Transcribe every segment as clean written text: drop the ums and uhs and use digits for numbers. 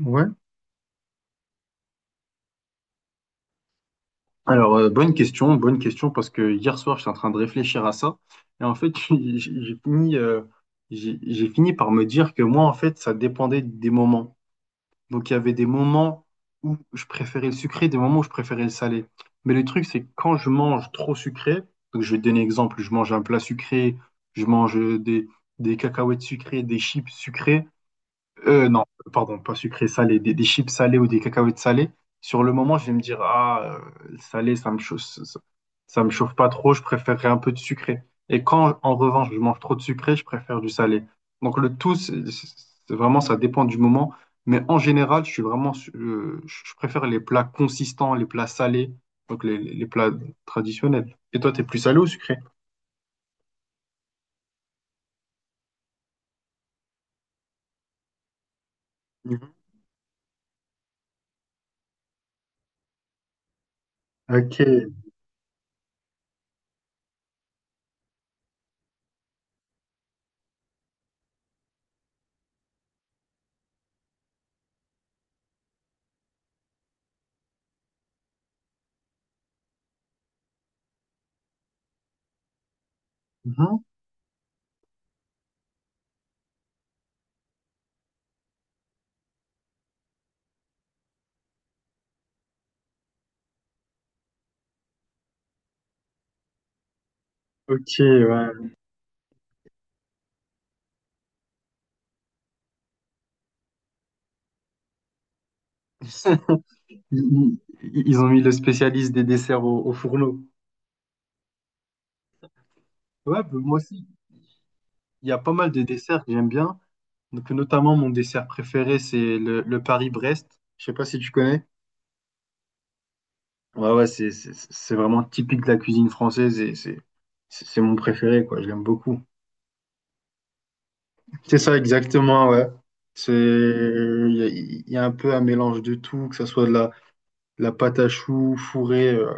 Ouais. Alors, bonne question, parce que hier soir, j'étais en train de réfléchir à ça. Et en fait, j'ai fini, j'ai fini par me dire que moi, en fait, ça dépendait des moments. Donc, il y avait des moments où je préférais le sucré, des moments où je préférais le salé. Mais le truc, c'est que quand je mange trop sucré, donc je vais te donner un exemple, je mange un plat sucré, je mange des cacahuètes sucrées, des chips sucrées, non, pardon, pas sucré, salé, des chips salées ou des cacahuètes salées. Sur le moment, je vais me dire, ah, salé, ça me chauffe, ça, ça me chauffe pas trop, je préférerais un peu de sucré. Et quand, en revanche, je mange trop de sucré, je préfère du salé. Donc le tout, c'est vraiment, ça dépend du moment. Mais en général, je suis vraiment, je préfère les plats consistants, les plats salés, donc les, les plats traditionnels. Et toi, t'es plus salé ou sucré? Mhm. Ok. Mhm. Ok, ouais. Ils, ils ont mis le spécialiste des desserts au, au fourneau. Ouais, bah, moi aussi, il y a pas mal de desserts que j'aime bien. Donc, notamment, mon dessert préféré, c'est le Paris-Brest. Je sais pas si tu connais. Ouais, ouais, c'est vraiment typique de la cuisine française et c'est c'est mon préféré, quoi. Je l'aime beaucoup. C'est ça, exactement, ouais. C'est, il y a un peu un mélange de tout, que ce soit de la pâte à choux fourrée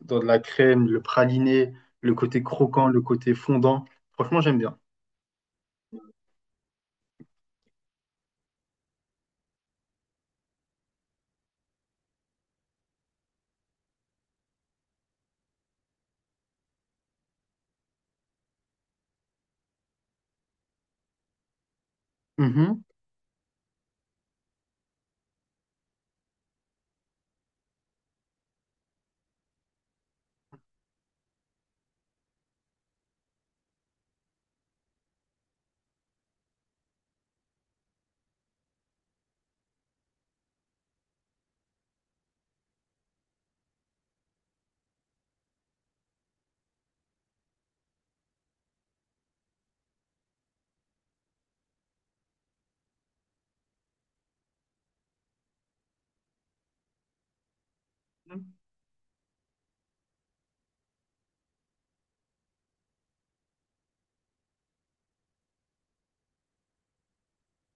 dans de la crème, le praliné, le côté croquant, le côté fondant. Franchement, j'aime bien.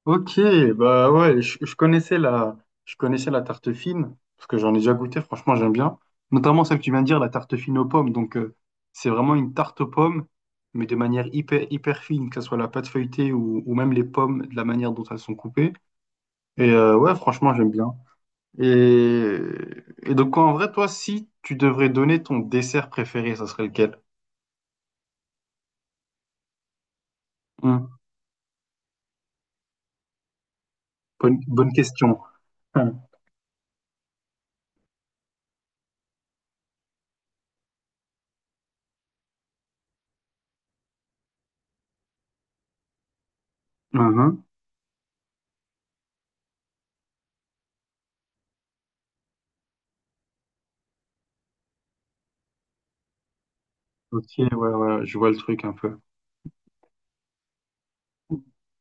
Ok, bah ouais, je connaissais la tarte fine, parce que j'en ai déjà goûté, franchement j'aime bien. Notamment celle que tu viens de dire, la tarte fine aux pommes. Donc c'est vraiment une tarte aux pommes, mais de manière hyper, hyper fine, que ce soit la pâte feuilletée ou même les pommes, de la manière dont elles sont coupées. Et ouais, franchement j'aime bien. Et, et donc en vrai, toi, si tu devrais donner ton dessert préféré, ça serait lequel? Hum. Bonne, bonne question. Hum. Ok, ouais, ouais, je vois le truc un peu.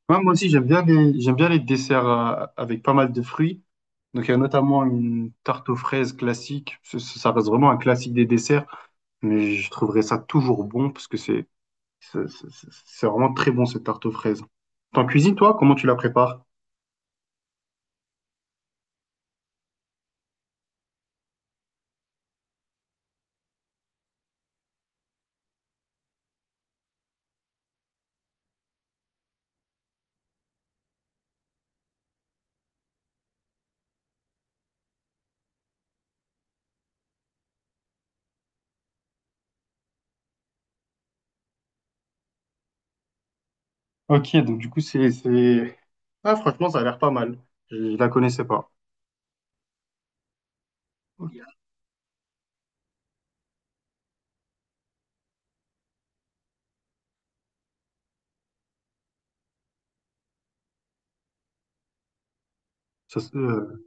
Ouais, moi aussi, j'aime bien les desserts avec pas mal de fruits. Donc, il y a notamment une tarte aux fraises classique. Ça, ça reste vraiment un classique des desserts, mais je trouverais ça toujours bon parce que c'est, c'est c'est- c'est vraiment très bon, cette tarte aux fraises. T'en cuisines, toi? Comment tu la prépares? Ok, donc du coup, c'est... Ah, franchement, ça a l'air pas mal. Je la connaissais pas. Ok. Ça se- euh,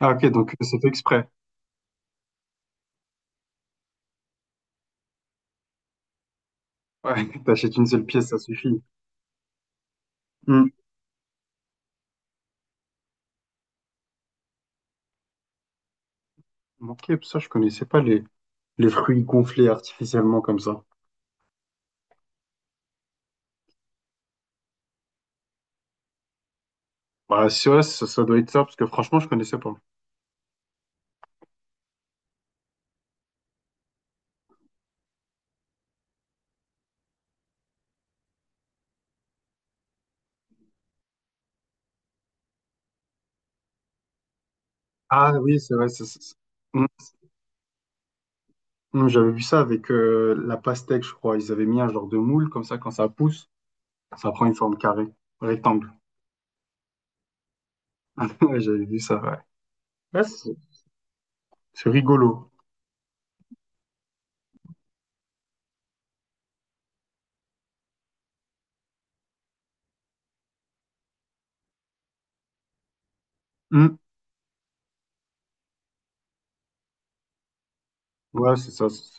Ah, ok, donc c'est fait exprès. Ouais, t'achètes une seule pièce, ça suffit. Hmm. Ok, ça, je connaissais pas les... Les fruits gonflés artificiellement comme ça. Bah, c'est vrai, ça doit être ça, parce que franchement, je connaissais pas. Ah oui, c'est vrai. Mm. Mm, j'avais vu ça avec la pastèque, je crois. Ils avaient mis un genre de moule, comme ça, quand ça pousse, ça prend une forme carrée, rectangle. Ouais, j'avais vu ça, ouais. Ouais, c'est rigolo. Mm. Ouais, c'est ça,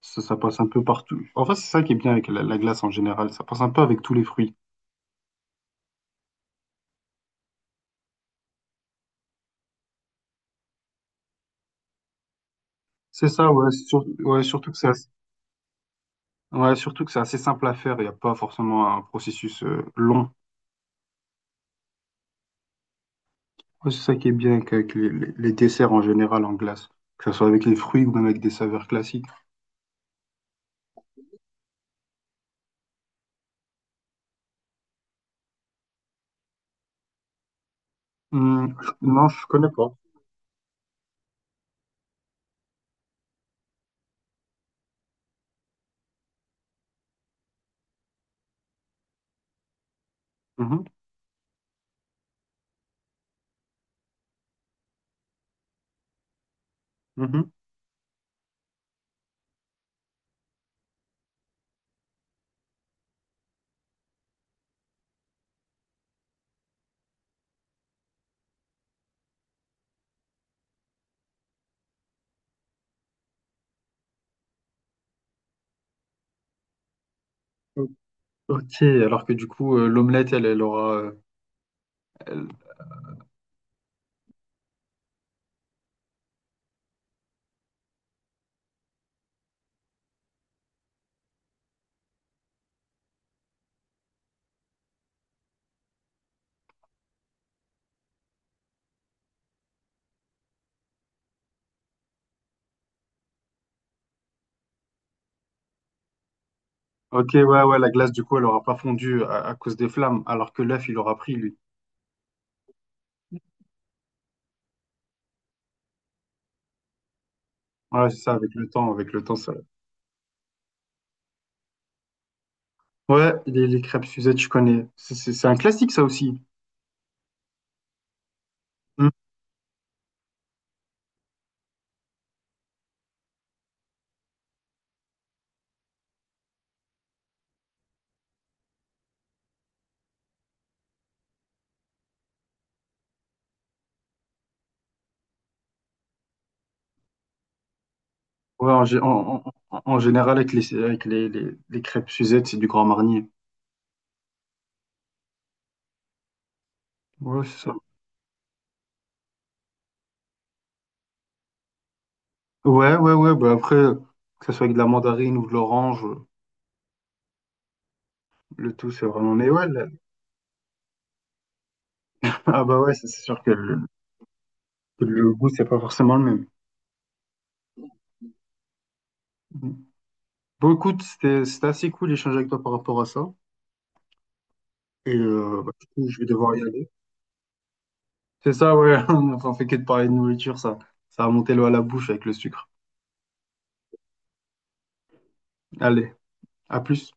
ça. Ça passe un peu partout. En fait, c'est ça qui est bien avec la, la glace en général. Ça passe un peu avec tous les fruits. C'est ça, ouais, ouais, surtout que c'est assez... ouais, surtout que c'est assez simple à faire. Il n'y a pas forcément un processus long. Ouais, c'est ça qui est bien avec les, les desserts en général en glace, que ce soit avec les fruits ou même avec des saveurs classiques. Non, je connais pas. Mhm, mhm. O- Ok, alors que du coup, l'omelette, elle, elle aura. Elle- Ok, ouais, ouais, la glace, du coup, elle aura pas fondu à cause des flammes, alors que l'œuf, il aura pris, lui. Ouais, c'est ça, avec le temps, ça. Ouais, les crêpes Suzette, je connais. C'est un classique, ça aussi. Hum. Ouais, en, gé- en- en- en- général, avec les crêpes Suzette, c'est du Grand Marnier. Ouais, c'est ça. Ouais, ouais, ouais, bah après, que ce soit avec de la mandarine ou de l'orange, le tout c'est vraiment. Mais ouais, là- ah bah ouais, ça, c'est sûr que le goût c'est pas forcément le même. Bon, écoute, c'était assez cool d'échanger avec toi par rapport à ça. Et bah, du coup, je vais devoir y aller. C'est ça, ouais, on fait que de parler de nourriture, ça. Ça a monté l'eau à la bouche avec le sucre. Allez, à plus.